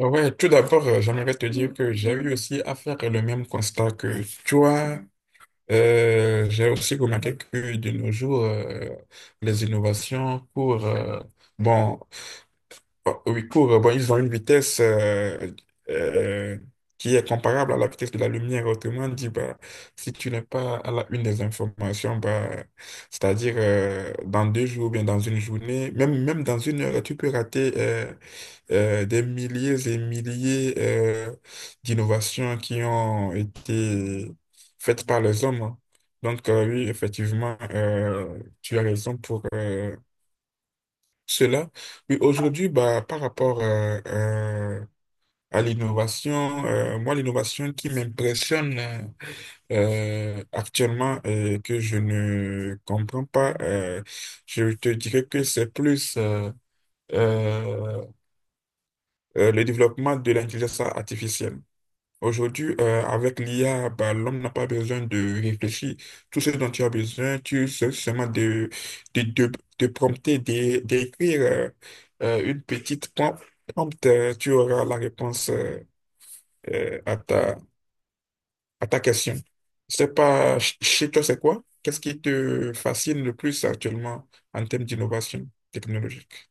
Ouais, tout d'abord, j'aimerais te dire que j'ai eu aussi à faire le même constat que toi. J'ai aussi remarqué que de nos jours, les innovations courent, bon, oui, courent, bon, ils ont une vitesse euh, qui est comparable à la vitesse de la lumière. Autrement dit, bah, si tu n'es pas à la une des informations, bah, c'est-à-dire dans 2 jours, bien dans une journée, même, même dans une heure, tu peux rater des milliers et milliers d'innovations qui ont été faites par les hommes. Hein. Donc, oui, effectivement, tu as raison pour cela. Oui, aujourd'hui, bah, par rapport à l'innovation, moi, l'innovation qui m'impressionne actuellement et que je ne comprends pas, je te dirais que c'est plus... euh, le développement de l'intelligence artificielle. Aujourd'hui, avec l'IA, bah, l'homme n'a pas besoin de réfléchir. Tout ce dont tu as besoin, tu sais seulement de, de, de prompter, d'écrire une petite prompt, tu auras la réponse à à ta question. Je sais pas, chez toi, c'est quoi? Qu'est-ce qui te fascine le plus actuellement en termes d'innovation technologique?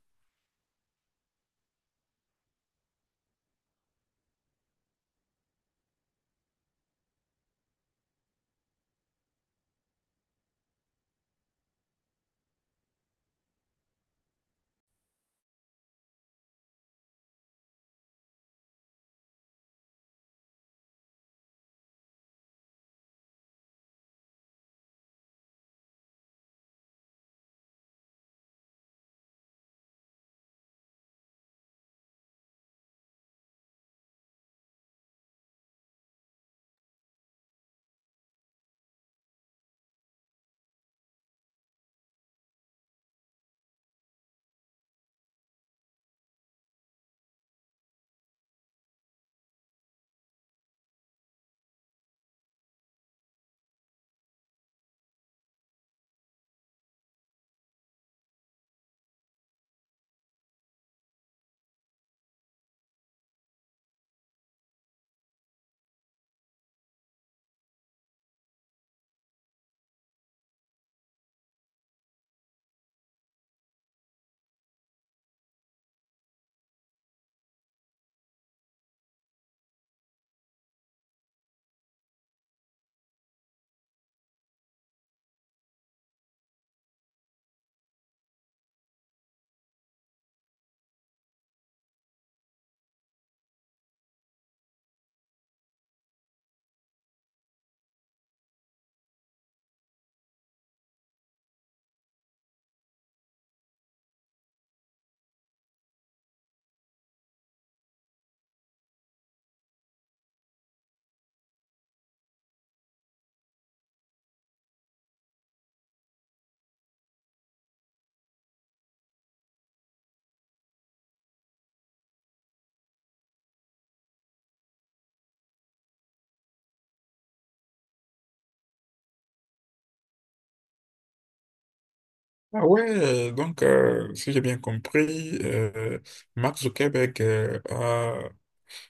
Ah ouais, donc, si j'ai bien compris, Mark Zuckerberg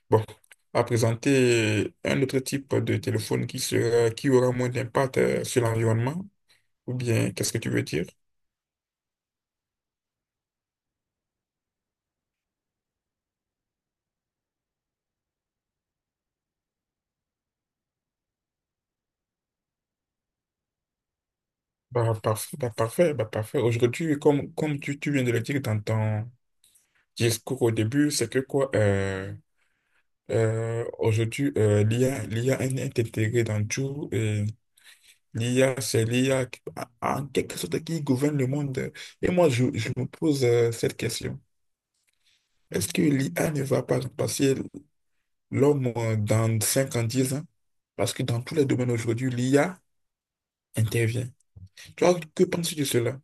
Bon, à présenter un autre type de téléphone qui sera, qui aura moins d'impact sur l'environnement, ou bien qu'est-ce que tu veux dire? Bah, parfait, bah, parfait, bah, parfait. Aujourd'hui, comme, comme tu viens de le dire dans ton discours au début, c'est que quoi, aujourd'hui, l'IA est intégrée dans tout. L'IA, c'est l'IA en quelque sorte qui gouverne le monde. Et moi, je me pose cette question. Est-ce que l'IA ne va pas passer l'homme dans 5 ans, 10 ans? Parce que dans tous les domaines aujourd'hui, l'IA intervient. Toi, que penses-tu de cela?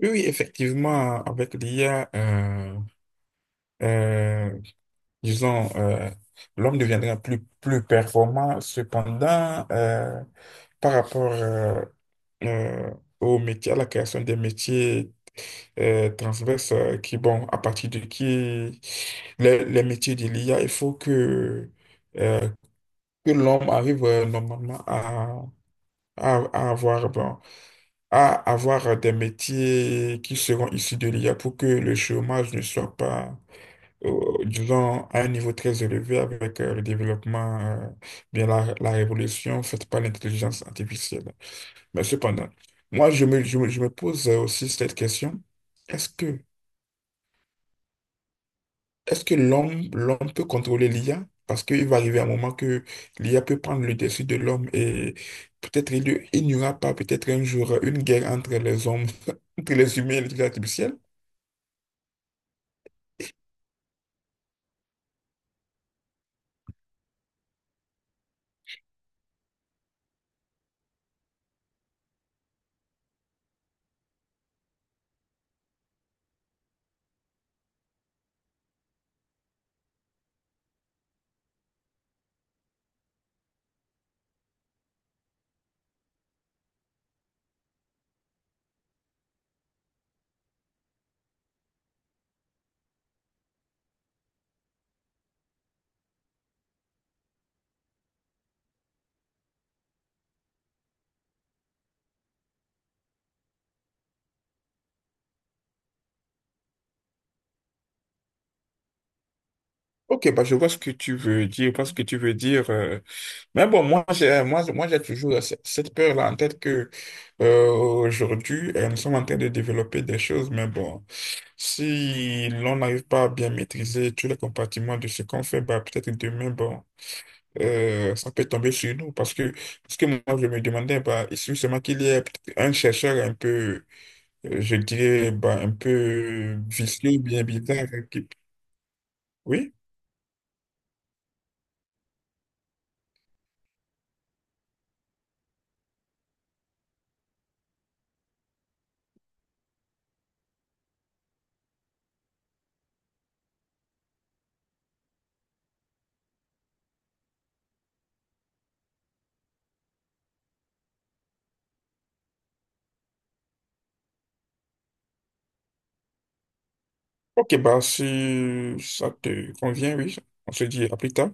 Oui, oui, effectivement, avec l'IA, euh, disons, l'homme deviendra plus, plus performant. Cependant, par rapport euh, au métier, à la création des métiers, transverse qui, bon, à partir de qui les métiers de l'IA, il faut euh, que l'homme arrive normalement à avoir, bon, à avoir des métiers qui seront issus de l'IA pour que le chômage ne soit pas, disons, à un niveau très élevé avec le développement, bien la révolution faite par l'intelligence artificielle. Mais cependant, moi, je me pose aussi cette question. Est-ce que Est-ce que l'homme peut contrôler l'IA? Parce qu'il va arriver un moment que l'IA peut prendre le dessus de l'homme et peut-être il n'y aura pas peut-être un jour une guerre entre les hommes, entre les humains et l'intelligence artificielle. Ok, bah je vois ce que tu veux dire, je vois ce que tu veux dire. Mais bon, moi j'ai toujours cette peur-là en tête que aujourd'hui, nous sommes en train de développer des choses, mais bon, si l'on n'arrive pas à bien maîtriser tous les compartiments de ce qu'on fait, bah peut-être demain, bon, ça peut tomber sur nous parce que ce que moi je me demandais, bah, il suffit seulement qu'il y ait un chercheur un peu, je dirais, bah, un peu vicieux, bien bizarre. Oui? Ok, bah, si ça te convient, oui, on se dit à plus tard.